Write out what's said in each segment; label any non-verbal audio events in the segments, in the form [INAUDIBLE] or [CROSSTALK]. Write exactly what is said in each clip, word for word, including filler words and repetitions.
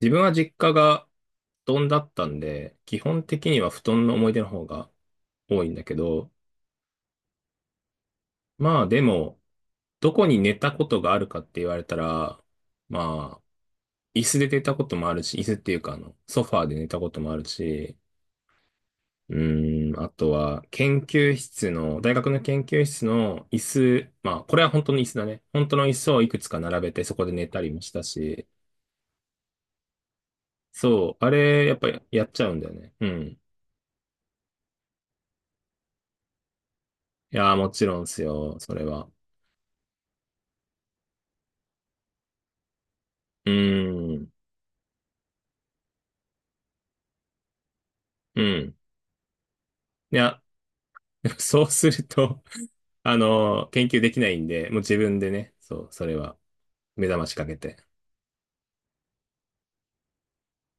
自分は実家が布団だったんで、基本的には布団の思い出の方が多いんだけど、まあでも、どこに寝たことがあるかって言われたら、まあ、椅子で寝たこともあるし、椅子っていうかあの、ソファーで寝たこともあるし、うーん、あとは研究室の、大学の研究室の椅子、まあこれは本当の椅子だね。本当の椅子をいくつか並べてそこで寝たりもしたし、そう、あれやっぱやっちゃうんだよね。うん。いやー、もちろんですよ、それは。うーん。うん。いや、[LAUGHS] そうすると、[LAUGHS] あの、研究できないんで、もう自分でね、そう、それは、目覚ましかけて。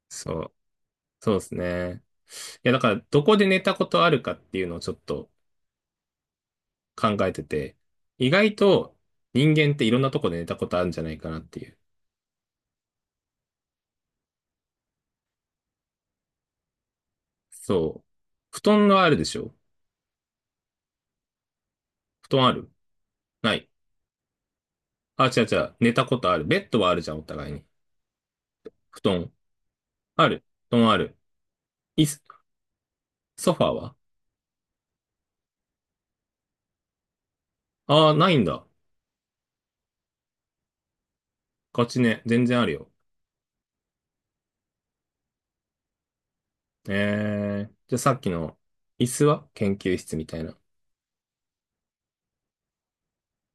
そう、そうですね。いや、だから、どこで寝たことあるかっていうのをちょっと考えてて、意外と人間っていろんなとこで寝たことあるんじゃないかなっていう。そう。布団はあるでしょ？布団ある？ない。あ、違う違う。寝たことある。ベッドはあるじゃん、お互いに。布団。ある。布団ある。椅子、ソファーは？ああー、ないんだ。ガチね、全然あるよ。えー、じゃあさっきの椅子は研究室みたいな。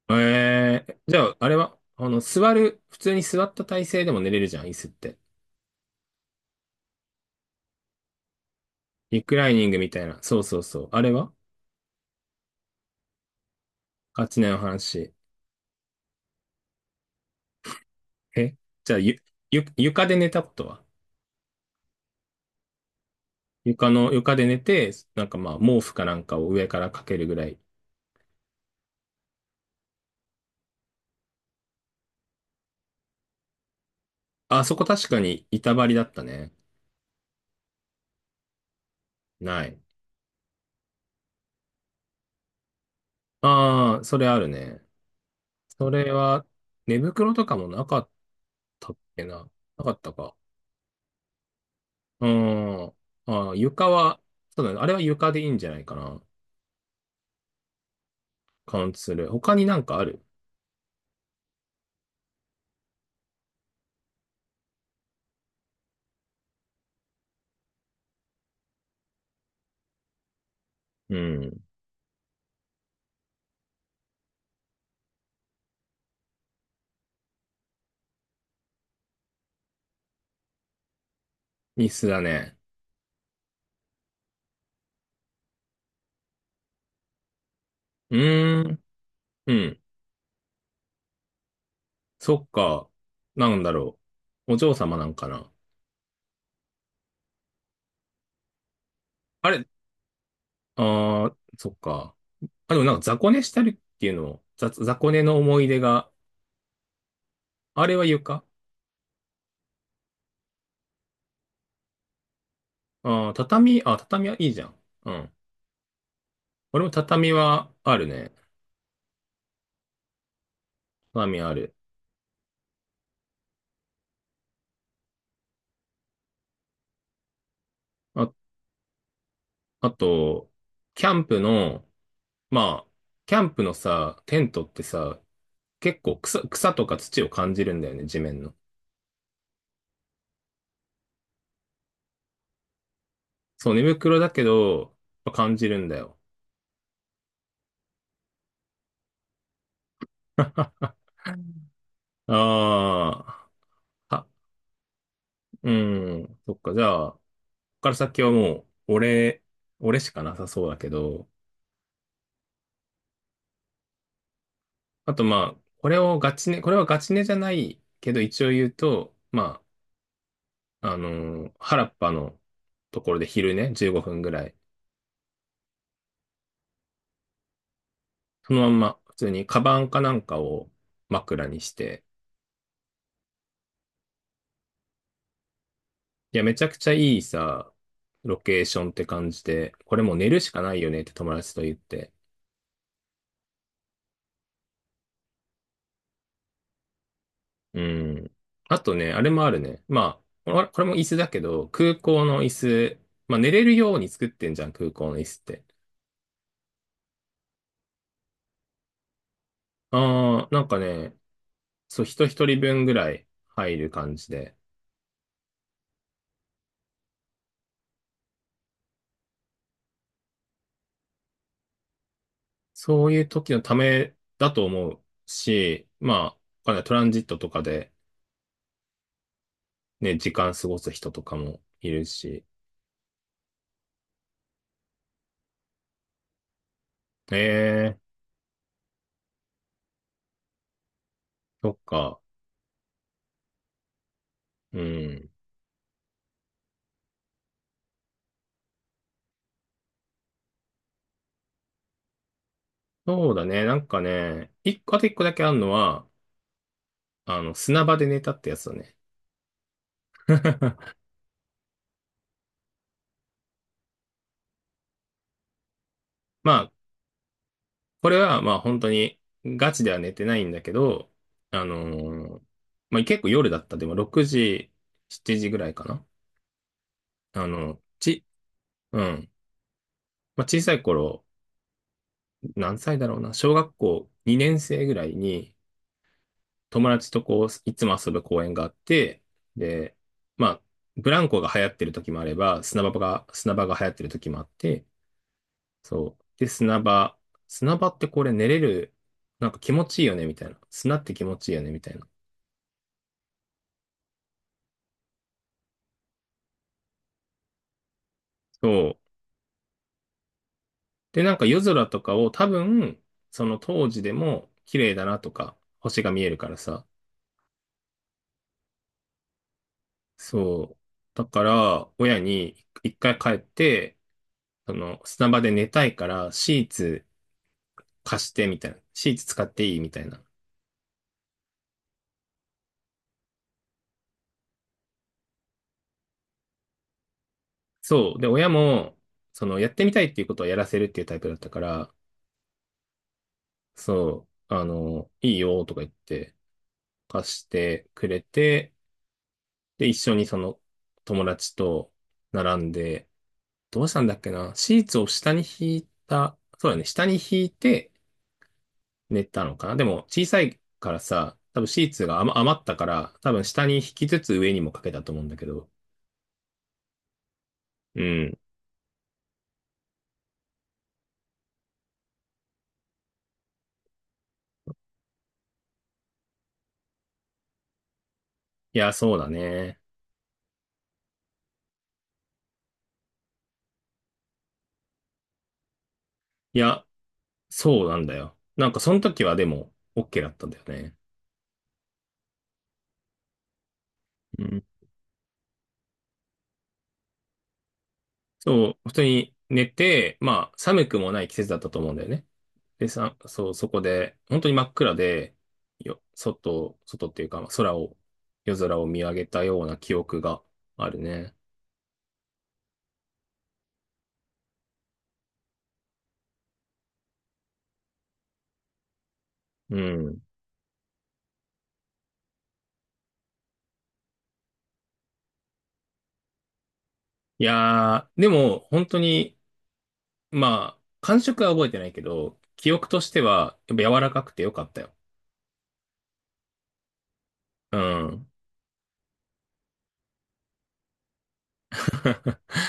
えー、じゃああれは、あの、座る、普通に座った体勢でも寝れるじゃん、椅子って。リクライニングみたいな。そうそうそう。あれはガチねの話。え、じゃあゆ、ゆ、床で寝たことは？床の、床で寝て、なんかまあ毛布かなんかを上からかけるぐらい。あ、そこ確かに板張りだったね。ない。ああ、それあるね。それは、寝袋とかもなかっったっけな。なかったか。うーん。ああ、床は、そうだね。あれは床でいいんじゃないかな。カウントする。他になんかある？うん。椅子だね。うーん。うん。そっか。なんだろう。お嬢様なんかな。あれ？ああ、そっか。あ、でもなんか雑魚寝したりっていうのを、雑、雑魚寝の思い出が、あれは床？ああ、畳、あ、畳はいいじゃん。うん。俺も畳はあるね。畳ある。あ、あと、キャンプの、まあ、キャンプのさ、テントってさ、結構草、草とか土を感じるんだよね、地面の。そう、寝袋だけど、まあ感じるんだよ。ああ、は、うん、そっか、じゃあ、ここから先はもう、俺、俺しかなさそうだけど、あとまあ、これをガチね、これはガチねじゃないけど、一応言うと、まあ、あのー原っぱのところで昼ね、じゅうごふんぐらい、そのまんま、普通にカバンかなんかを枕にして、いや、めちゃくちゃいいさ、ロケーションって感じで、これもう寝るしかないよねって友達と言って。うん。あとね、あれもあるね。まあ、これこれも椅子だけど、空港の椅子、まあ寝れるように作ってんじゃん、空港の椅子って。ああ、なんかね、そう、人一人分ぐらい入る感じで、そういう時のためだと思うし、まあ、わかんない、トランジットとかでね、時間過ごす人とかもいるし、ええ、そっか。うん。そうだね。なんかね、一個、あと一個だけあるのは、あの、砂場で寝たってやつだね。[LAUGHS] まあ、これは、まあ本当に、ガチでは寝てないんだけど、あのーまあ結構夜だった。でもろくじ、しちじぐらいかな。あの、ち、うん。まあ小さい頃、何歳だろうな。小学校にねん生ぐらいに、友達とこう、いつも遊ぶ公園があって、で、まあ、ブランコが流行ってる時もあれば、砂場が、砂場が流行ってる時もあって、そう。で、砂場。砂場ってこれ寝れる、なんか気持ちいいよね、みたいな。砂って気持ちいいよね、みたいな。そう。で、なんか夜空とかを多分、その当時でも綺麗だなとか、星が見えるからさ。そう。だから、親に一回帰って、その砂場で寝たいから、シーツ貸して、みたいな。シーツ使っていい、みたいな。そう。で、親も、その、やってみたいっていうことはやらせるっていうタイプだったから、そう、あの、いいよ、とか言って、貸してくれて、で、一緒にその友達と並んで、どうしたんだっけな、シーツを下に引いた、そうだね、下に引いて寝たのかな、でも小さいからさ、多分シーツが余余ったから、多分下に引きつつ上にもかけたと思うんだけど。うん。いや、そうだね。いや、そうなんだよ。なんかその時はでも、OK だったんだよね。うん。そう、普通に寝て、まあ、寒くもない季節だったと思うんだよね。で、さ、そう、そこで、本当に真っ暗で、よ、外、外っていうか、まあ空を、夜空を見上げたような記憶があるね。うん。いやー、でも、本当に、まあ、感触は覚えてないけど、記憶としては、やっぱ柔らかくてよかったよ。うん。[LAUGHS]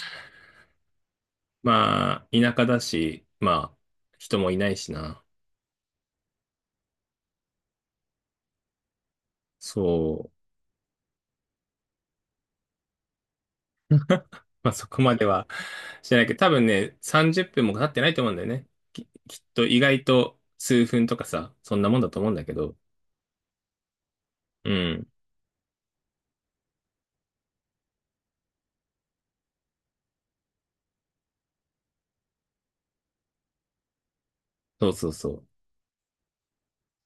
まあ、田舎だし、まあ、人もいないしな。そう。まあ、 [LAUGHS] そこまではしてないけど、多分ね、さんじゅっぷんも経ってないと思うんだよね。き、きっと意外と数分とかさ、そんなもんだと思うんだけど。うん。そうそうそう。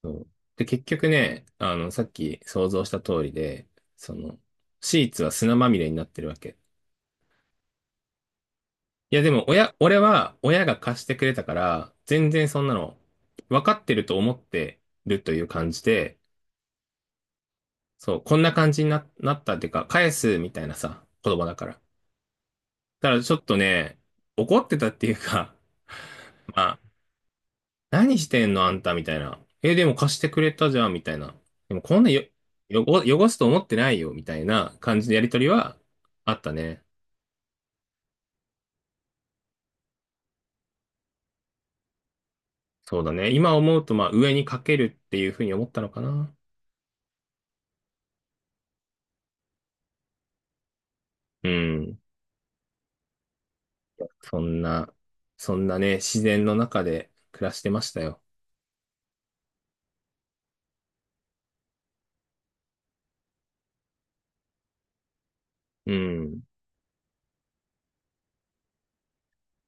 そう。で、結局ね、あの、さっき想像した通りで、その、シーツは砂まみれになってるわけ。いや、でも、親、俺は親が貸してくれたから、全然そんなの、分かってると思ってるという感じで、そう、こんな感じにな、なったっていうか、返すみたいなさ、子供だから。だからちょっとね、怒ってたっていうか、[LAUGHS] まあ、何してんのあんたみたいな。え、でも貸してくれたじゃんみたいな。でもこんなよ、よご、汚すと思ってないよみたいな感じのやりとりはあったね。そうだね。今思うと、まあ、上にかけるっていうふうに思ったのかな。うん。そんな、そんなね、自然の中で暮らしてましたよ。うん。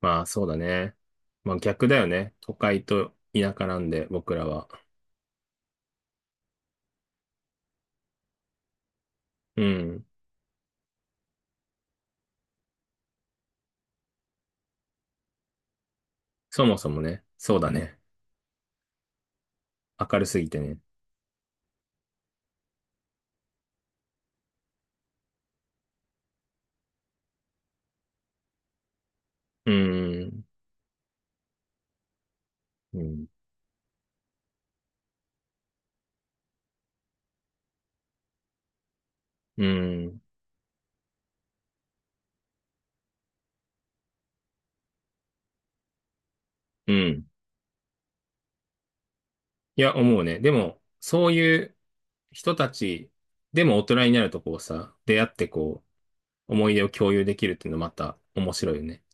まあ、そうだね。まあ、逆だよね。都会と田舎なんで、僕らは。うん。そもそもね、そうだね。明るすぎてね。うーん。うん。うーん。うん。いや、思うね。でも、そういう人たち、でも大人になるとこうさ、出会ってこう、思い出を共有できるっていうのまた面白いよね。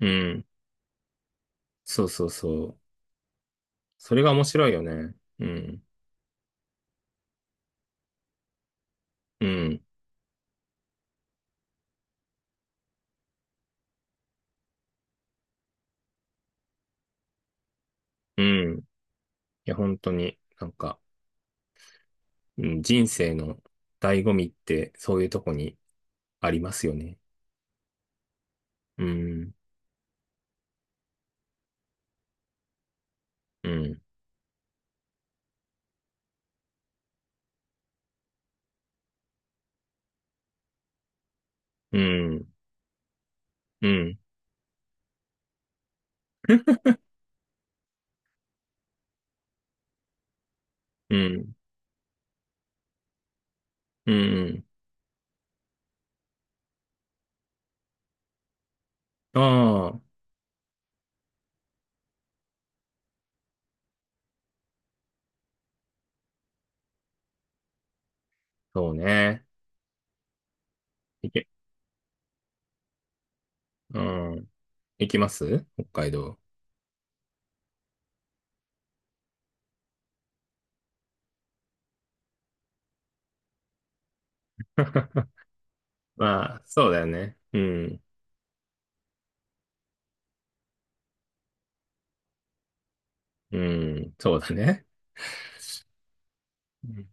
うん。そうそうそう。それが面白いよね。うん。うん。うん。いや、本当に、なんか、うん、人生の醍醐味ってそういうとこにありますよね。うん。うん。うん。うん。うん。うん。ああ、そうね。いけ、うん。行きます北海道。[LAUGHS] まあ、そうだよね。うん。うん。そうだね。うん。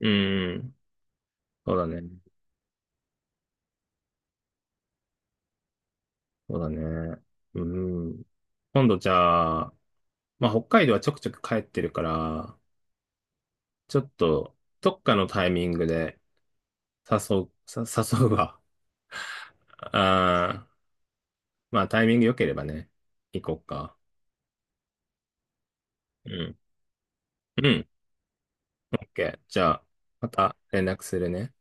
うん、そうだね。そうだね。うん。今度じゃあ、まあ、北海道はちょくちょく帰ってるから、ちょっと、どっかのタイミングで誘う、[LAUGHS] さ誘うわ。ああ、まあ、タイミング良ければね、行こうか。うん。うん。OK。じゃあ、また連絡するね。